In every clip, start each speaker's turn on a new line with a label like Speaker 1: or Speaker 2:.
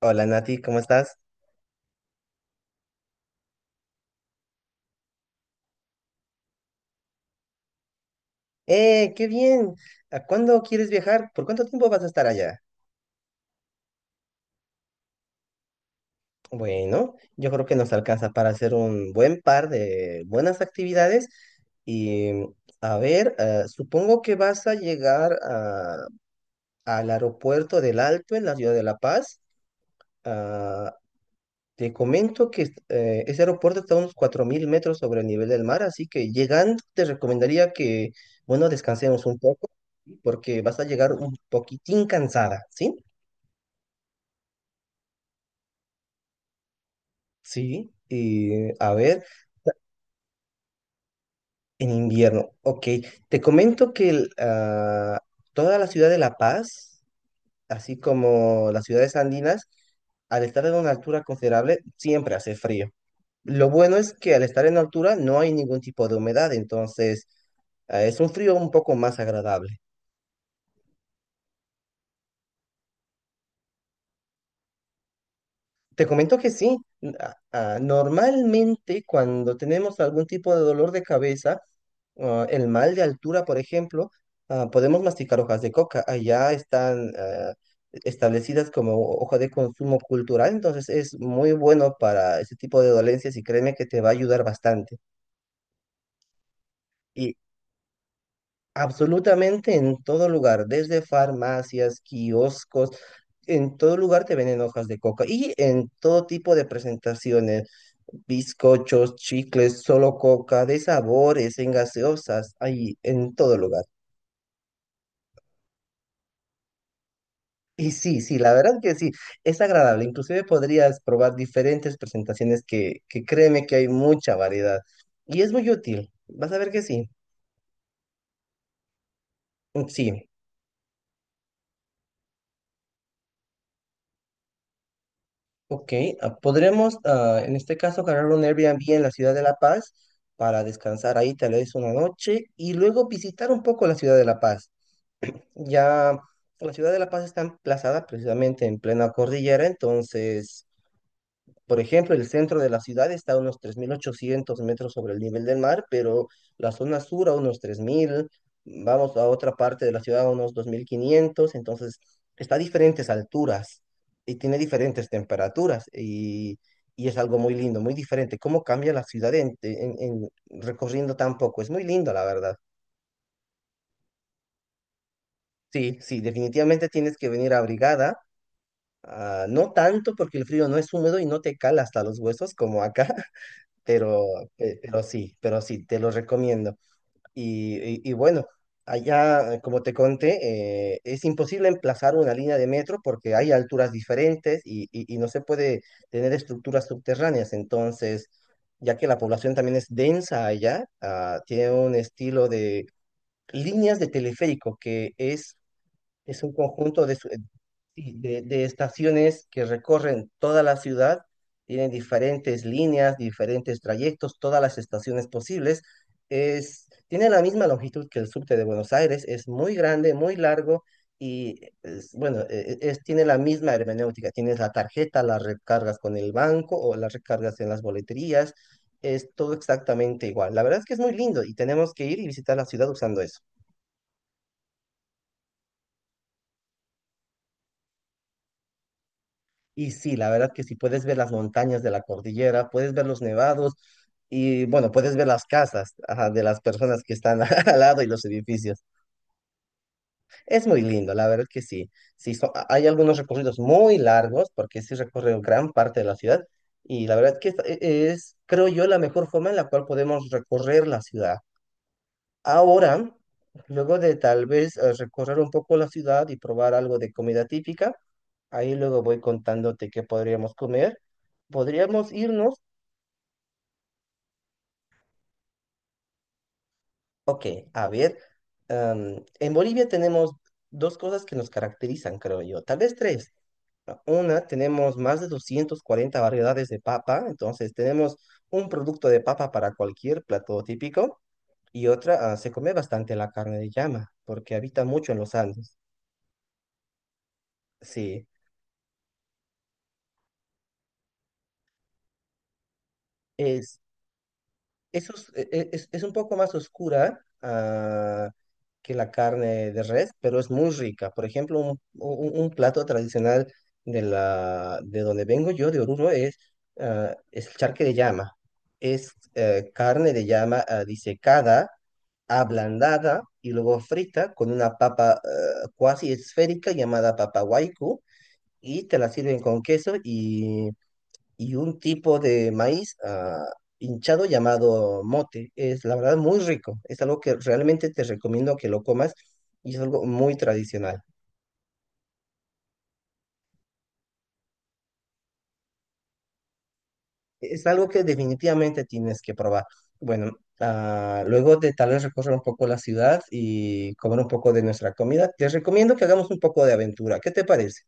Speaker 1: Hola Nati, ¿cómo estás? ¡Qué bien! ¿A cuándo quieres viajar? ¿Por cuánto tiempo vas a estar allá? Bueno, yo creo que nos alcanza para hacer un buen par de buenas actividades y a ver, supongo que vas a llegar al aeropuerto del Alto en la ciudad de La Paz. Ah, Te comento que ese aeropuerto está a unos 4.000 metros sobre el nivel del mar, así que llegando te recomendaría que, bueno, descansemos un poco, porque vas a llegar un poquitín cansada, ¿sí? Sí. Y a ver, en invierno, ok. Te comento que toda la ciudad de La Paz, así como las ciudades andinas, al estar en una altura considerable, siempre hace frío. Lo bueno es que al estar en altura no hay ningún tipo de humedad, entonces es un frío un poco más agradable. Te comento que sí, normalmente cuando tenemos algún tipo de dolor de cabeza, el mal de altura, por ejemplo, podemos masticar hojas de coca. Allá están establecidas como hoja de consumo cultural, entonces es muy bueno para ese tipo de dolencias y créeme que te va a ayudar bastante. Absolutamente en todo lugar, desde farmacias, kioscos, en todo lugar te venden hojas de coca y en todo tipo de presentaciones, bizcochos, chicles, solo coca, de sabores, en gaseosas, ahí en todo lugar. Y sí, sí, la verdad que sí, es agradable. Inclusive podrías probar diferentes presentaciones que créeme que hay mucha variedad y es muy útil. Vas a ver que sí, sí. Ok, podremos en este caso ganar un Airbnb en la ciudad de La Paz para descansar ahí tal vez una noche y luego visitar un poco la ciudad de La Paz. Ya la ciudad de La Paz está emplazada precisamente en plena cordillera, entonces por ejemplo, el centro de la ciudad está a unos 3.800 metros sobre el nivel del mar, pero la zona sur a unos 3.000, vamos a otra parte de la ciudad a unos 2.500, entonces está a diferentes alturas y tiene diferentes temperaturas y- es algo muy lindo, muy diferente. ¿Cómo cambia la ciudad en recorriendo tan poco? Es muy lindo, la verdad. Sí, sí, definitivamente tienes que venir abrigada. No tanto porque el frío no es húmedo y no te cala hasta los huesos como acá, pero, pero sí, te lo recomiendo. Y bueno, allá, como te conté, es imposible emplazar una línea de metro porque hay alturas diferentes y no se puede tener estructuras subterráneas. Entonces, ya que la población también es densa allá, tiene un estilo de líneas de teleférico que es un conjunto, sí, de estaciones que recorren toda la ciudad, tienen diferentes líneas, diferentes trayectos, todas las estaciones posibles. Es, tiene la misma longitud que el subte de Buenos Aires, es muy grande, muy largo, tiene la misma hermenéutica. Tienes la tarjeta, la recargas con el banco o la recargas en las boleterías. Es todo exactamente igual. La verdad es que es muy lindo y tenemos que ir y visitar la ciudad usando eso. Y sí, la verdad que si puedes ver las montañas de la cordillera, puedes ver los nevados. Y bueno, puedes ver las casas, ajá, de las personas que están al lado y los edificios. Es muy lindo, la verdad que sí. Sí, hay algunos recorridos muy largos porque sí recorrió gran parte de la ciudad y la verdad que esta es, creo yo, la mejor forma en la cual podemos recorrer la ciudad. Ahora, luego de tal vez recorrer un poco la ciudad y probar algo de comida típica, ahí luego voy contándote qué podríamos comer. Podríamos irnos. Ok, a ver, en Bolivia tenemos dos cosas que nos caracterizan, creo yo, tal vez tres. Una, tenemos más de 240 variedades de papa, entonces tenemos un producto de papa para cualquier plato típico. Y otra, se come bastante la carne de llama, porque habita mucho en los Andes. Sí, es. Eso es, es un poco más oscura que la carne de res, pero es muy rica. Por ejemplo, un plato tradicional de, la, de donde vengo yo, de Oruro, es el charque de llama. Es carne de llama, disecada, ablandada y luego frita con una papa, cuasi esférica, llamada papa waiku, y te la sirven con queso y un tipo de maíz hinchado, llamado mote. Es la verdad muy rico. Es algo que realmente te recomiendo que lo comas y es algo muy tradicional. Es algo que definitivamente tienes que probar. Bueno, luego de tal vez recorrer un poco la ciudad y comer un poco de nuestra comida, te recomiendo que hagamos un poco de aventura. ¿Qué te parece?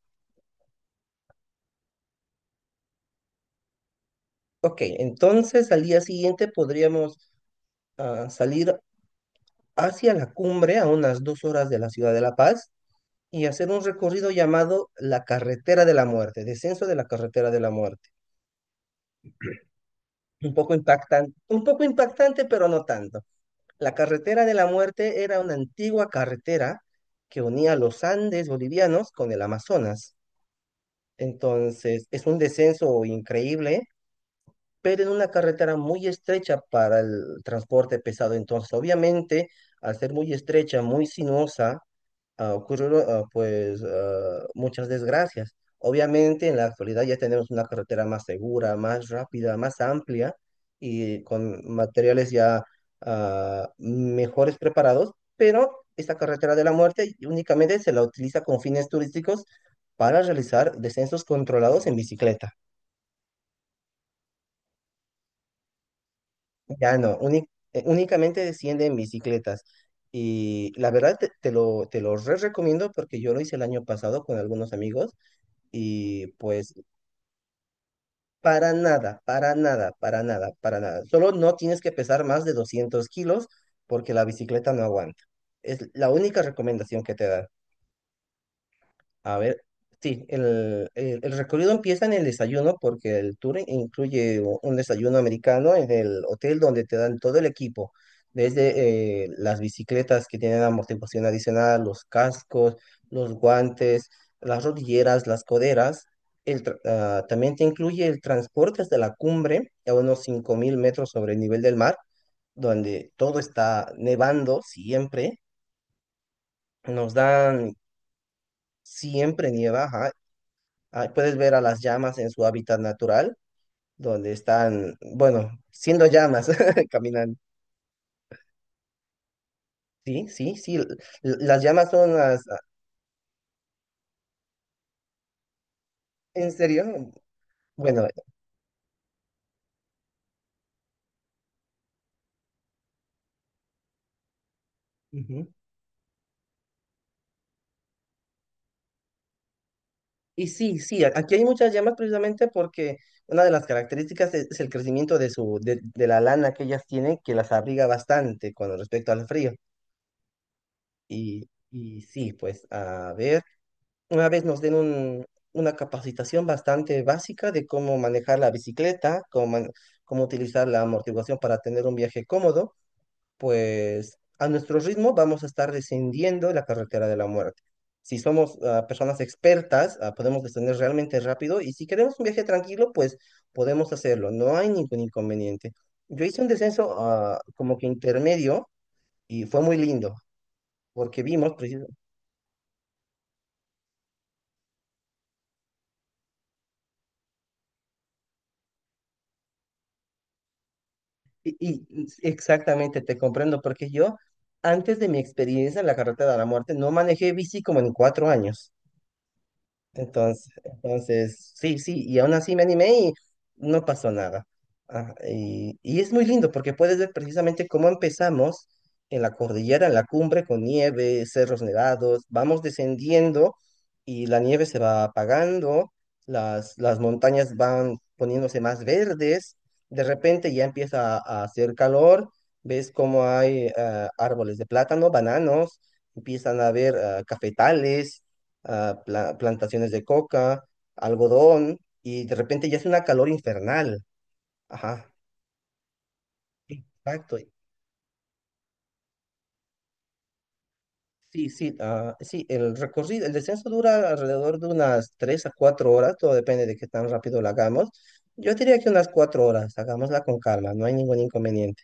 Speaker 1: Ok, entonces al día siguiente podríamos salir hacia la cumbre a unas 2 horas de la ciudad de La Paz y hacer un recorrido llamado La Carretera de la Muerte, descenso de la Carretera de la Muerte. Un poco impactante, pero no tanto. La Carretera de la Muerte era una antigua carretera que unía los Andes bolivianos con el Amazonas. Entonces, es un descenso increíble, pero en una carretera muy estrecha para el transporte pesado. Entonces, obviamente, al ser muy estrecha, muy sinuosa, ocurrieron muchas desgracias. Obviamente, en la actualidad ya tenemos una carretera más segura, más rápida, más amplia y con materiales ya mejores preparados, pero esta carretera de la muerte únicamente se la utiliza con fines turísticos para realizar descensos controlados en bicicleta. Ya no, únicamente desciende en bicicletas. Y la verdad te, te lo re recomiendo porque yo lo hice el año pasado con algunos amigos. Y pues para nada, para nada, para nada, para nada. Solo no tienes que pesar más de 200 kilos porque la bicicleta no aguanta. Es la única recomendación que te dan. A ver, sí, el recorrido empieza en el desayuno porque el tour incluye un desayuno americano en el hotel donde te dan todo el equipo, desde las bicicletas que tienen amortiguación adicional, los cascos, los guantes, las rodilleras, las coderas. También te incluye el transporte hasta la cumbre a unos 5.000 metros sobre el nivel del mar, donde todo está nevando siempre. Nos dan, siempre nieva. Puedes ver a las llamas en su hábitat natural, donde están, bueno, siendo llamas, caminando. Sí, sí, sí. Las llamas son las. ¿En serio? Bueno, ujú. Y sí, sí, aquí hay muchas llamas precisamente porque una de las características es el crecimiento de su, de la lana que ellas tienen, que las abriga bastante con respecto al frío. Y sí, pues, a ver. Una vez nos den una capacitación bastante básica de cómo manejar la bicicleta, cómo utilizar la amortiguación para tener un viaje cómodo, pues a nuestro ritmo vamos a estar descendiendo la carretera de la muerte. Si somos personas expertas, podemos descender realmente rápido, y si queremos un viaje tranquilo, pues podemos hacerlo. No hay ningún inconveniente. Yo hice un descenso como que intermedio y fue muy lindo porque vimos precisamente. Y, y exactamente, te comprendo, porque yo, antes de mi experiencia en la carretera de la muerte, no manejé bici como en 4 años. Entonces, entonces, sí, sí, y aún así me animé y no pasó nada. Y es muy lindo porque puedes ver precisamente cómo empezamos en la cordillera, en la cumbre, con nieve, cerros nevados, vamos descendiendo y la nieve se va apagando, las montañas van poniéndose más verdes, de repente ya empieza a hacer calor, ves cómo hay árboles de plátano, bananos, empiezan a haber cafetales, plantaciones de coca, algodón, y de repente ya es una calor infernal. Ajá, sí, exacto. Sí, sí, sí, el recorrido, el descenso dura alrededor de unas 3 a 4 horas, todo depende de qué tan rápido lo hagamos. Yo diría que unas 4 horas, hagámosla con calma, no hay ningún inconveniente.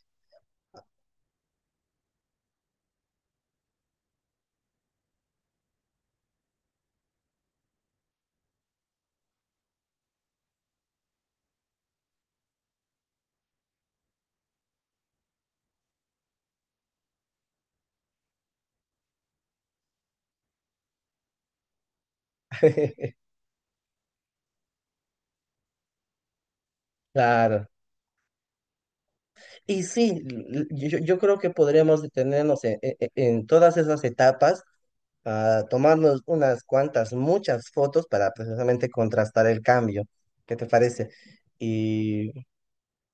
Speaker 1: Claro. Y sí, yo, yo creo que podríamos detenernos en todas esas etapas a tomarnos unas cuantas, muchas fotos para precisamente contrastar el cambio. ¿Qué te parece? Y,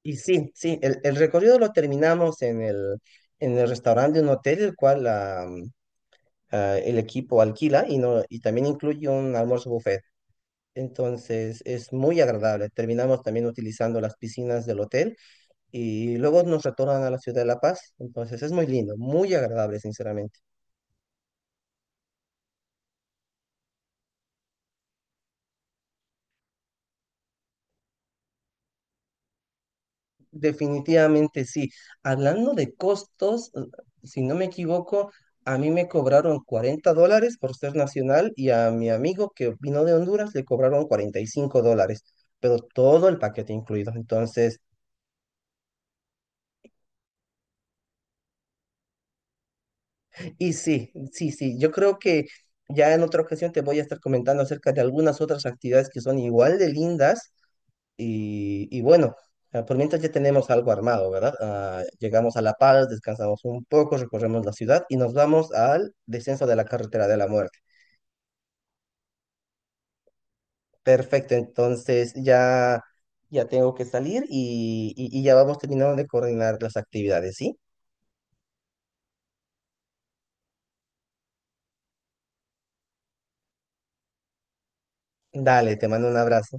Speaker 1: y sí, sí, el recorrido lo terminamos en el restaurante de un hotel, el cual el equipo alquila y, no, y también incluye un almuerzo buffet. Entonces es muy agradable. Terminamos también utilizando las piscinas del hotel y luego nos retornan a la ciudad de La Paz. Entonces es muy lindo, muy agradable, sinceramente. Definitivamente sí. Hablando de costos, si no me equivoco, a mí me cobraron 40 dólares por ser nacional y a mi amigo que vino de Honduras le cobraron 45 dólares, pero todo el paquete incluido. Entonces, y sí, sí, sí, yo creo que ya en otra ocasión te voy a estar comentando acerca de algunas otras actividades que son igual de lindas. Y bueno, por mientras ya tenemos algo armado, ¿verdad? Llegamos a La Paz, descansamos un poco, recorremos la ciudad y nos vamos al descenso de la carretera de la muerte. Perfecto, entonces ya, ya tengo que salir y, y ya vamos terminando de coordinar las actividades, ¿sí? Dale, te mando un abrazo.